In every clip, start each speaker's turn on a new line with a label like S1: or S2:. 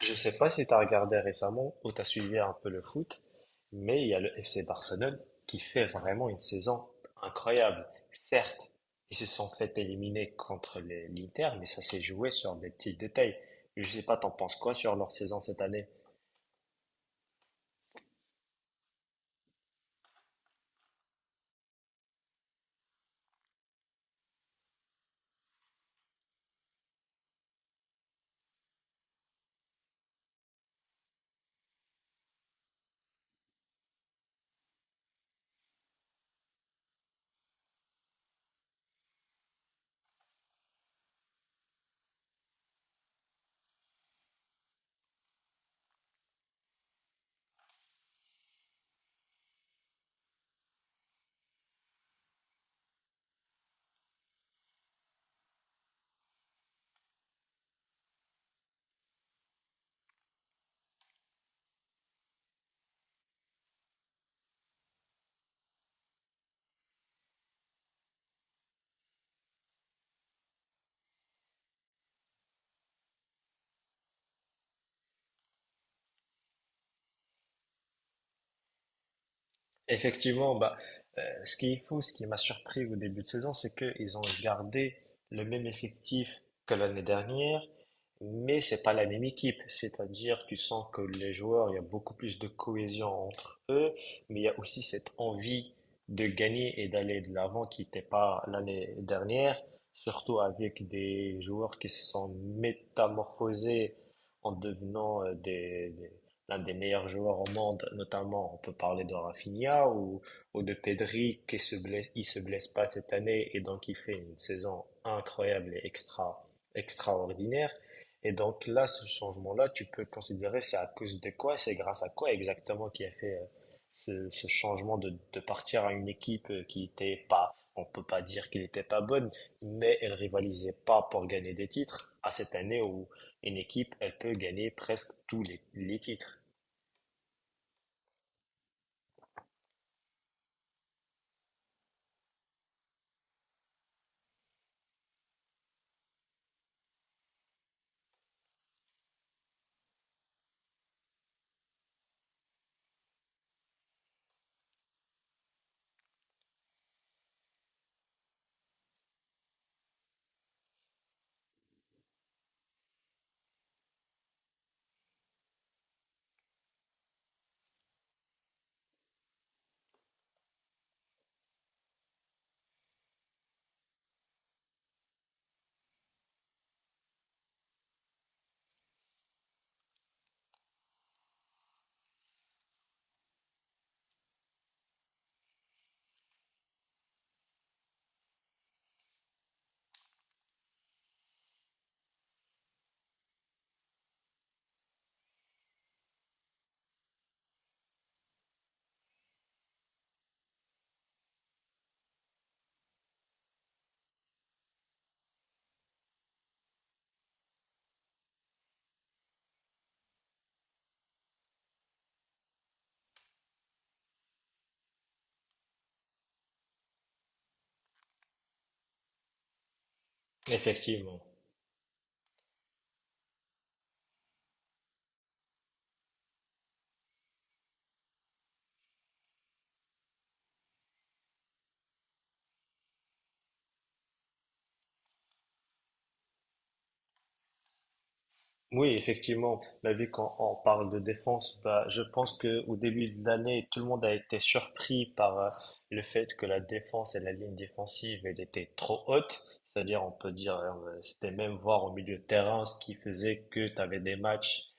S1: Je sais pas si tu as regardé récemment ou tu as suivi un peu le foot, mais il y a le FC Barcelone qui fait vraiment une saison incroyable. Certes, ils se sont fait éliminer contre l'Inter, mais ça s'est joué sur des petits détails. Je sais pas, t'en penses quoi sur leur saison cette année? Effectivement, bah, ce qui est fou, ce qui m'a surpris au début de saison, c'est qu'ils ont gardé le même effectif que l'année dernière, mais c'est pas la même équipe. C'est-à-dire, tu sens que les joueurs, il y a beaucoup plus de cohésion entre eux, mais il y a aussi cette envie de gagner et d'aller de l'avant qui n'était pas l'année dernière, surtout avec des joueurs qui se sont métamorphosés en devenant l'un des meilleurs joueurs au monde, notamment on peut parler de Rafinha ou de Pedri qui se blesse il se blesse pas cette année et donc il fait une saison incroyable et extraordinaire. Et donc là, ce changement-là, tu peux considérer c'est à cause de quoi, c'est grâce à quoi exactement qui a fait ce changement de partir à une équipe qui était pas, on peut pas dire qu'elle n'était pas bonne, mais elle rivalisait pas pour gagner des titres à cette année où une équipe, elle peut gagner presque tous les titres. Effectivement. Oui, effectivement, bah, vu qu'on parle de défense, bah, je pense que au début de l'année, tout le monde a été surpris par le fait que la défense et la ligne défensive, elle était trop haute. C'est-à-dire, on peut dire, c'était même voir au milieu de terrain, ce qui faisait que tu avais des matchs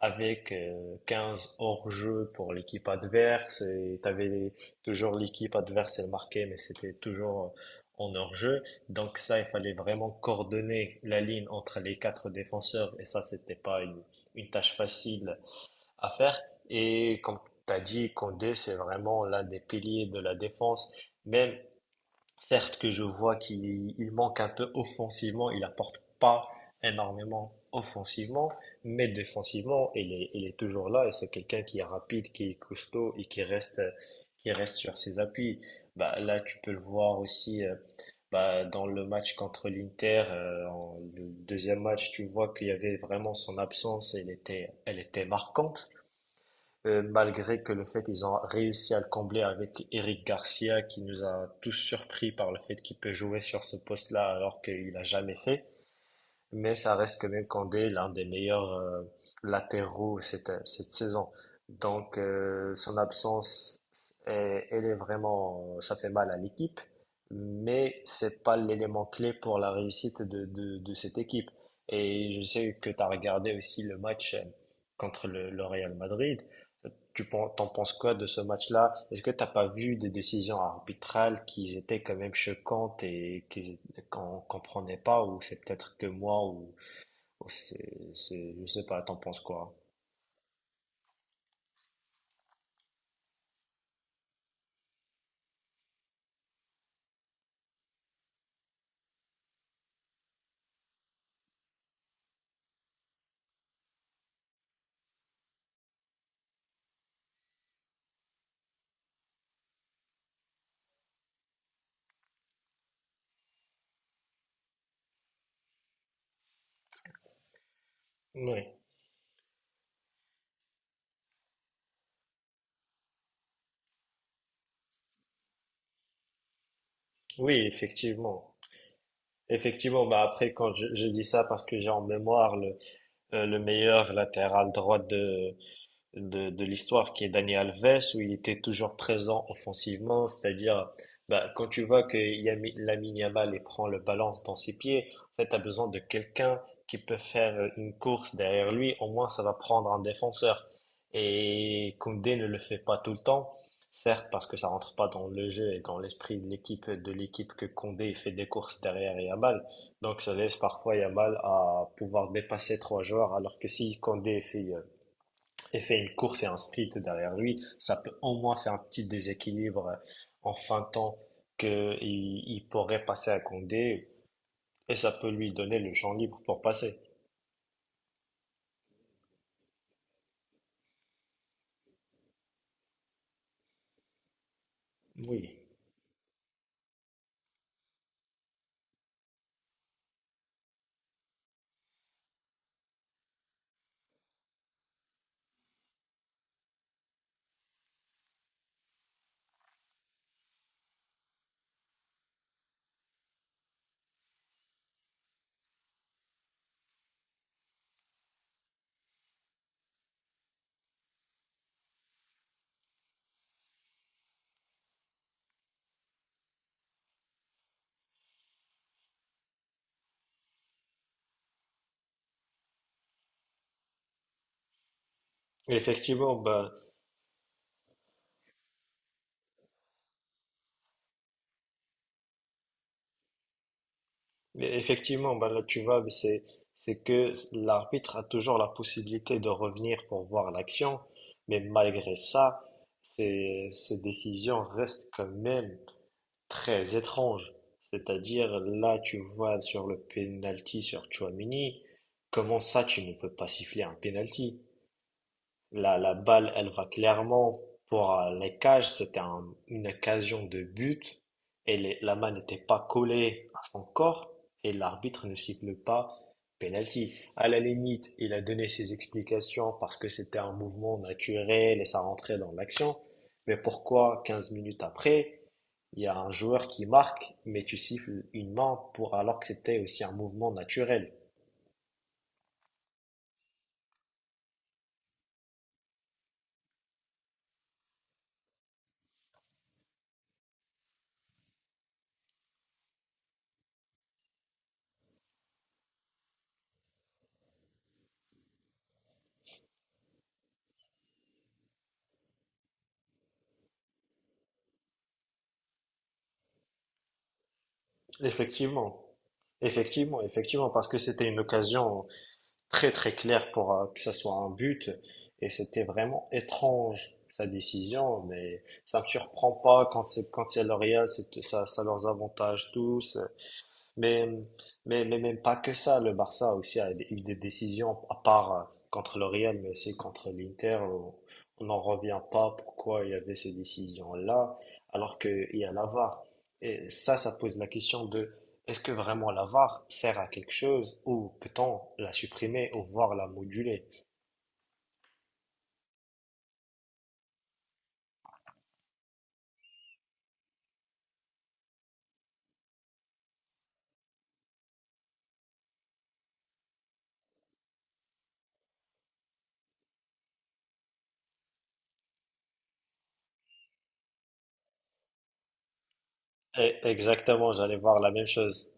S1: avec 15 hors-jeu pour l'équipe adverse et t'avais toujours l'équipe adverse elle marquait mais c'était toujours en hors-jeu, donc ça il fallait vraiment coordonner la ligne entre les quatre défenseurs et ça c'était pas une tâche facile à faire et comme t'as dit, Condé c'est vraiment l'un des piliers de la défense, même. Certes que je vois qu'il manque un peu offensivement, il apporte pas énormément offensivement, mais défensivement, il est toujours là et c'est quelqu'un qui est rapide, qui est costaud et qui reste sur ses appuis. Bah, là, tu peux le voir aussi, bah, dans le match contre l'Inter, le deuxième match, tu vois qu'il y avait vraiment son absence, elle était marquante. Malgré que le fait ils ont réussi à le combler avec Eric Garcia qui nous a tous surpris par le fait qu'il peut jouer sur ce poste-là alors qu'il n'a jamais fait. Mais ça reste quand même Kandé l'un des meilleurs latéraux cette saison. Donc son absence, elle est vraiment, ça fait mal à l'équipe, mais c'est pas l'élément clé pour la réussite de cette équipe. Et je sais que tu as regardé aussi le match contre le Real Madrid. T'en penses quoi de ce match-là? Est-ce que t'as pas vu des décisions arbitrales qui étaient quand même choquantes et qu'on comprenait pas, ou c'est peut-être que moi, ou je sais pas, t'en penses quoi? Oui, oui, effectivement. Effectivement, bah après, quand je dis ça parce que j'ai en mémoire le meilleur latéral droit de l'histoire qui est Dani Alves, où il était toujours présent offensivement, c'est-à-dire bah, quand tu vois que Lamine Yamal il prend le ballon dans ses pieds, en fait, tu as besoin de quelqu'un qui peut faire une course derrière lui, au moins ça va prendre un défenseur. Et Koundé ne le fait pas tout le temps, certes parce que ça rentre pas dans le jeu et dans l'esprit de l'équipe que Koundé fait des courses derrière Yamal, donc ça laisse parfois Yamal à pouvoir dépasser trois joueurs, alors que si Koundé fait une course et un sprint derrière lui, ça peut au moins faire un petit déséquilibre en fin de temps qu'il pourrait passer à Condé et ça peut lui donner le champ libre pour passer. Oui. Effectivement, bah, effectivement, bah, là tu vois, mais c'est que l'arbitre a toujours la possibilité de revenir pour voir l'action, mais malgré ça, ces décisions restent quand même très étrange, c'est-à-dire là tu vois sur le penalty sur Tchouaméni, comment ça tu ne peux pas siffler un penalty? La balle elle va clairement pour les cages, c'était une occasion de but et la main n'était pas collée à son corps et l'arbitre ne siffle pas penalty. À la limite, il a donné ses explications parce que c'était un mouvement naturel et ça rentrait dans l'action. Mais pourquoi 15 minutes après, il y a un joueur qui marque mais tu siffles une main pour, alors que c'était aussi un mouvement naturel? Effectivement. Effectivement, effectivement, parce que c'était une occasion très très clair pour que ça soit un but et c'était vraiment étrange sa décision, mais ça me surprend pas quand c'est, L'Oréal, c'est ça, ça leurs avantage tous. Mais, même pas que ça, le Barça aussi a eu des décisions, à part contre le Real, mais aussi contre l'Inter, on n'en revient pas pourquoi il y avait ces décisions-là, alors qu'il y a la VAR. Et ça pose la question de est-ce que vraiment la VAR sert à quelque chose ou peut-on la supprimer ou voir la moduler? Et exactement, j'allais voir la même chose.